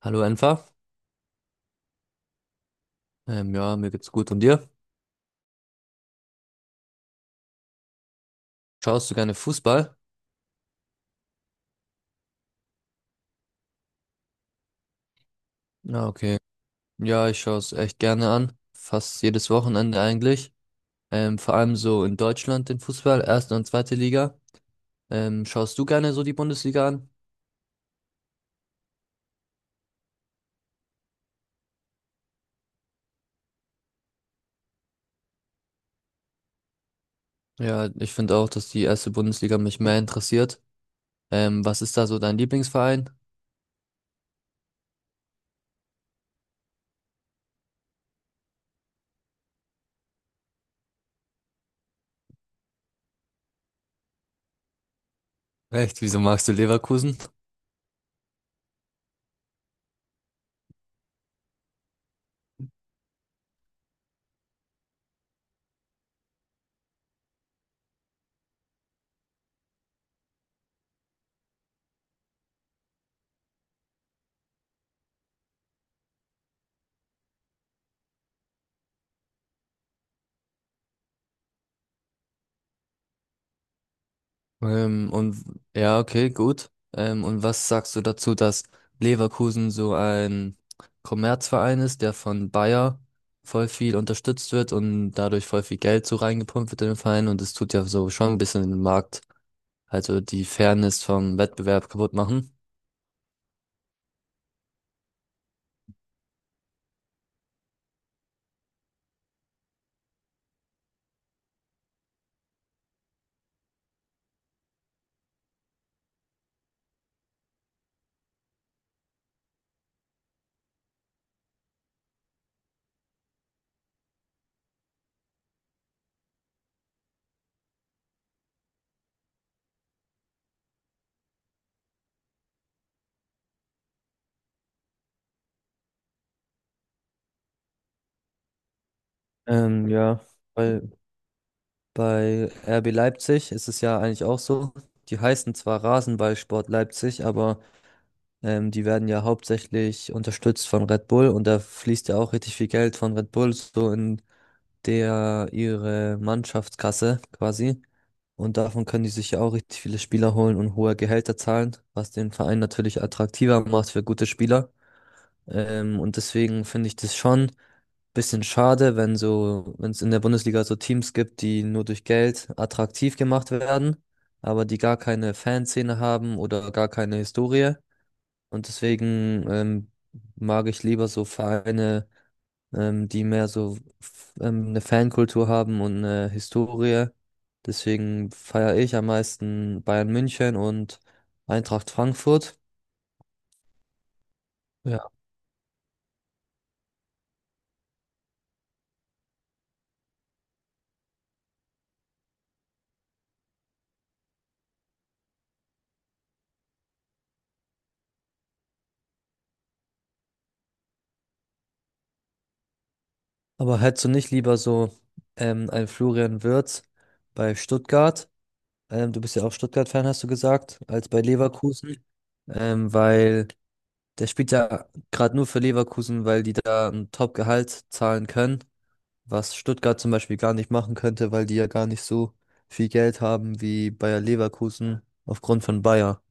Hallo Enfer. Ja, Mir geht's gut. Und dir? Schaust du gerne Fußball? Ja, okay. Ja, ich schaue es echt gerne an. Fast jedes Wochenende eigentlich. Vor allem so in Deutschland den Fußball, erste und zweite Liga. Schaust du gerne so die Bundesliga an? Ja, ich finde auch, dass die erste Bundesliga mich mehr interessiert. Was ist da so dein Lieblingsverein? Echt, wieso magst du Leverkusen? Ähm, und ja, okay, gut. Und was sagst du dazu, dass Leverkusen so ein Kommerzverein ist, der von Bayer voll viel unterstützt wird und dadurch voll viel Geld so reingepumpt wird in den Verein und es tut ja so schon ein bisschen den Markt, also die Fairness vom Wettbewerb kaputt machen. Ähm, ja, Weil bei RB Leipzig ist es ja eigentlich auch so. Die heißen zwar Rasenballsport Leipzig, aber die werden ja hauptsächlich unterstützt von Red Bull und da fließt ja auch richtig viel Geld von Red Bull so in der ihre Mannschaftskasse quasi. Und davon können die sich ja auch richtig viele Spieler holen und hohe Gehälter zahlen, was den Verein natürlich attraktiver macht für gute Spieler. Und deswegen finde ich das schon ein bisschen schade, wenn so, wenn es in der Bundesliga so Teams gibt, die nur durch Geld attraktiv gemacht werden, aber die gar keine Fanszene haben oder gar keine Historie. Und deswegen mag ich lieber so Vereine, die mehr so eine Fankultur haben und eine Historie. Deswegen feiere ich am meisten Bayern München und Eintracht Frankfurt. Ja. Aber hättest du nicht lieber so einen Florian Wirtz bei Stuttgart? Du bist ja auch Stuttgart-Fan, hast du gesagt, als bei Leverkusen. Weil der spielt ja gerade nur für Leverkusen, weil die da ein Top-Gehalt zahlen können, was Stuttgart zum Beispiel gar nicht machen könnte, weil die ja gar nicht so viel Geld haben wie Bayer Leverkusen aufgrund von Bayer.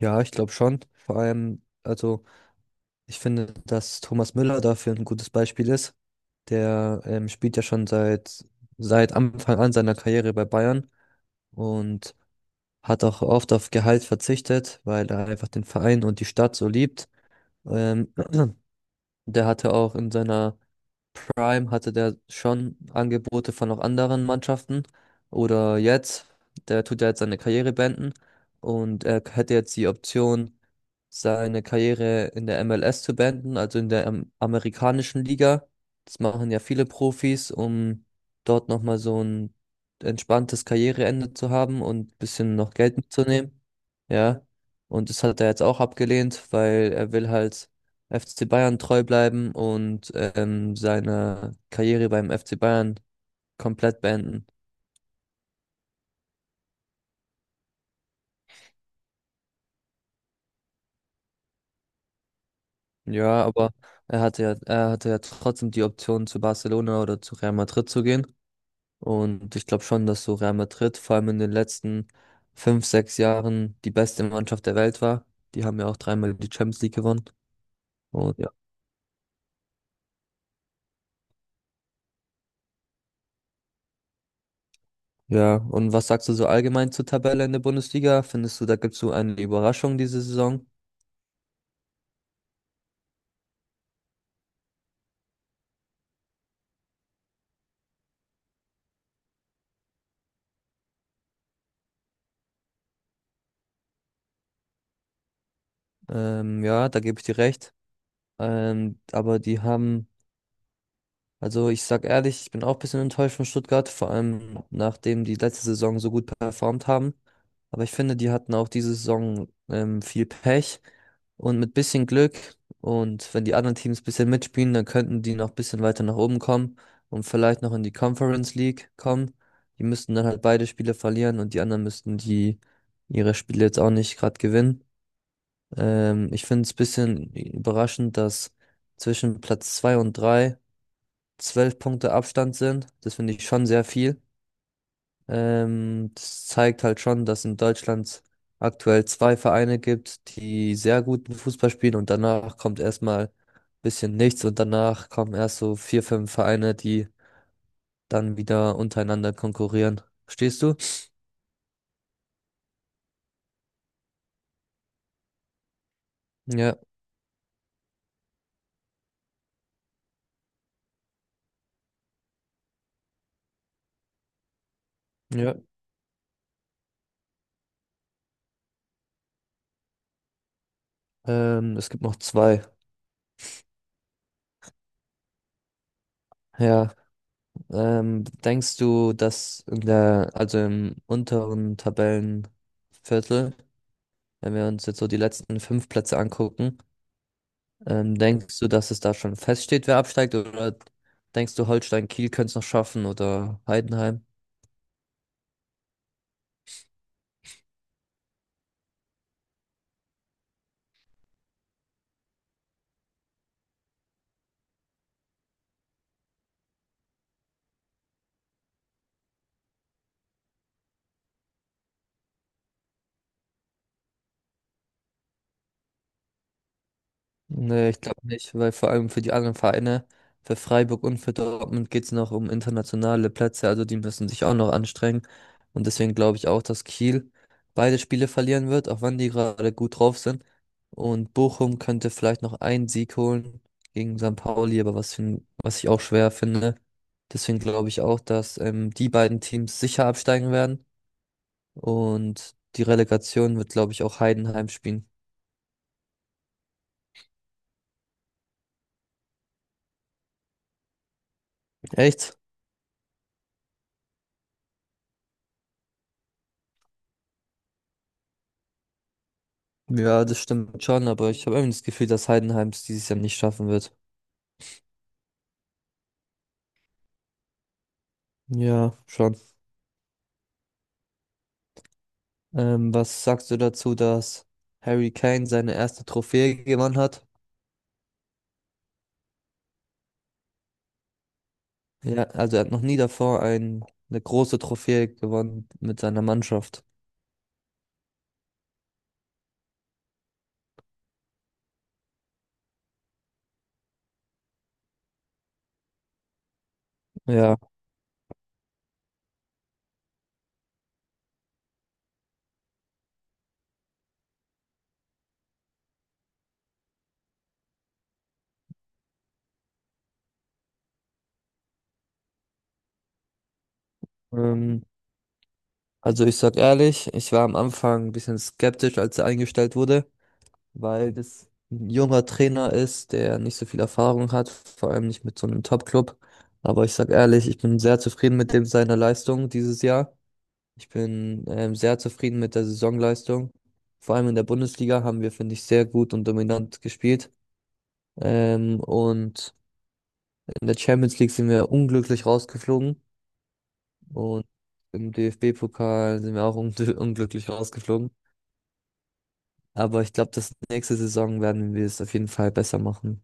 Ja, ich glaube schon. Vor allem, also ich finde, dass Thomas Müller dafür ein gutes Beispiel ist. Der spielt ja schon seit Anfang an seiner Karriere bei Bayern und hat auch oft auf Gehalt verzichtet, weil er einfach den Verein und die Stadt so liebt. Ähm, der hatte auch in seiner Prime hatte der schon Angebote von auch anderen Mannschaften. Oder jetzt, der tut ja jetzt seine Karriere beenden und er hätte jetzt die Option, seine Karriere in der MLS zu beenden, also in der amerikanischen Liga. Das machen ja viele Profis, um dort nochmal so ein entspanntes Karriereende zu haben und ein bisschen noch Geld mitzunehmen. Ja. Und das hat er jetzt auch abgelehnt, weil er will halt FC Bayern treu bleiben und seine Karriere beim FC Bayern komplett beenden. Ja, aber er hatte ja trotzdem die Option zu Barcelona oder zu Real Madrid zu gehen. Und ich glaube schon, dass so Real Madrid vor allem in den letzten fünf, sechs Jahren die beste Mannschaft der Welt war. Die haben ja auch dreimal die Champions League gewonnen. Und ja. Ja, und was sagst du so allgemein zur Tabelle in der Bundesliga? Findest du, da gibt es so eine Überraschung diese Saison? Ja, da gebe ich dir recht. Ähm, aber die haben, also ich sag ehrlich, ich bin auch ein bisschen enttäuscht von Stuttgart, vor allem nachdem die letzte Saison so gut performt haben. Aber ich finde, die hatten auch diese Saison viel Pech und mit bisschen Glück und wenn die anderen Teams ein bisschen mitspielen, dann könnten die noch ein bisschen weiter nach oben kommen und vielleicht noch in die Conference League kommen. Die müssten dann halt beide Spiele verlieren und die anderen müssten die ihre Spiele jetzt auch nicht gerade gewinnen. Ich finde es ein bisschen überraschend, dass zwischen Platz 2 und 3 zwölf Punkte Abstand sind. Das finde ich schon sehr viel. Das zeigt halt schon, dass in Deutschland aktuell zwei Vereine gibt, die sehr guten Fußball spielen und danach kommt erstmal ein bisschen nichts und danach kommen erst so vier, fünf Vereine, die dann wieder untereinander konkurrieren. Verstehst du? Ja, ja. Es gibt noch zwei. Ja. Denkst du, dass in der, also im unteren Tabellenviertel, wenn wir uns jetzt so die letzten fünf Plätze angucken, denkst du, dass es da schon feststeht, wer absteigt? Oder denkst du, Holstein Kiel könnte es noch schaffen oder Heidenheim? Nee, ich glaube nicht, weil vor allem für die anderen Vereine, für Freiburg und für Dortmund geht es noch um internationale Plätze, also die müssen sich auch noch anstrengen. Und deswegen glaube ich auch, dass Kiel beide Spiele verlieren wird, auch wenn die gerade gut drauf sind. Und Bochum könnte vielleicht noch einen Sieg holen gegen St. Pauli, aber was ich auch schwer finde. Deswegen glaube ich auch, dass die beiden Teams sicher absteigen werden. Und die Relegation wird, glaube ich, auch Heidenheim spielen. Echt? Ja, das stimmt schon, aber ich habe irgendwie das Gefühl, dass Heidenheim es dieses Jahr nicht schaffen wird. Ja, schon. Was sagst du dazu, dass Harry Kane seine erste Trophäe gewonnen hat? Ja, also er hat noch nie davor eine große Trophäe gewonnen mit seiner Mannschaft. Ja, ähm, also ich sag ehrlich, ich war am Anfang ein bisschen skeptisch, als er eingestellt wurde, weil das ein junger Trainer ist, der nicht so viel Erfahrung hat, vor allem nicht mit so einem Top-Club. Aber ich sag ehrlich, ich bin sehr zufrieden mit dem seiner Leistung dieses Jahr. Ich bin sehr zufrieden mit der Saisonleistung. Vor allem in der Bundesliga haben wir, finde ich, sehr gut und dominant gespielt. Und in der Champions League sind wir unglücklich rausgeflogen. Und im DFB-Pokal sind wir auch un unglücklich rausgeflogen. Aber ich glaube, das nächste Saison werden wir es auf jeden Fall besser machen.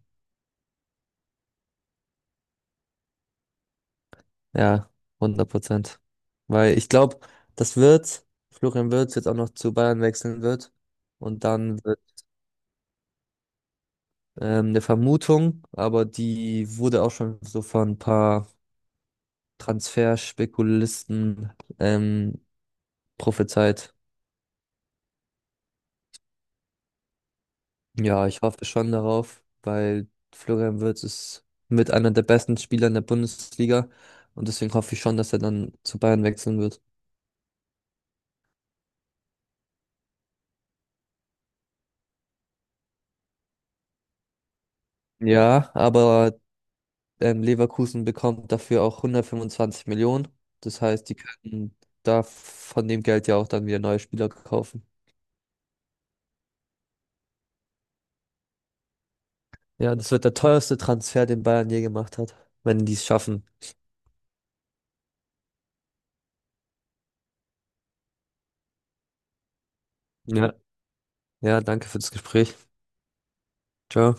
Ja, 100%. Weil ich glaube, das wird, Florian Wirtz jetzt auch noch zu Bayern wechseln wird. Und dann wird eine Vermutung, aber die wurde auch schon so von ein paar Transferspekulisten ähm, prophezeit. Ja, ich hoffe schon darauf, weil Florian Wirtz ist mit einer der besten Spieler in der Bundesliga. Und deswegen hoffe ich schon, dass er dann zu Bayern wechseln wird. Ja, aber Leverkusen bekommt dafür auch 125 Millionen. Das heißt, die könnten da von dem Geld ja auch dann wieder neue Spieler kaufen. Ja, das wird der teuerste Transfer, den Bayern je gemacht hat, wenn die es schaffen. Ja. Ja, danke für das Gespräch. Ciao.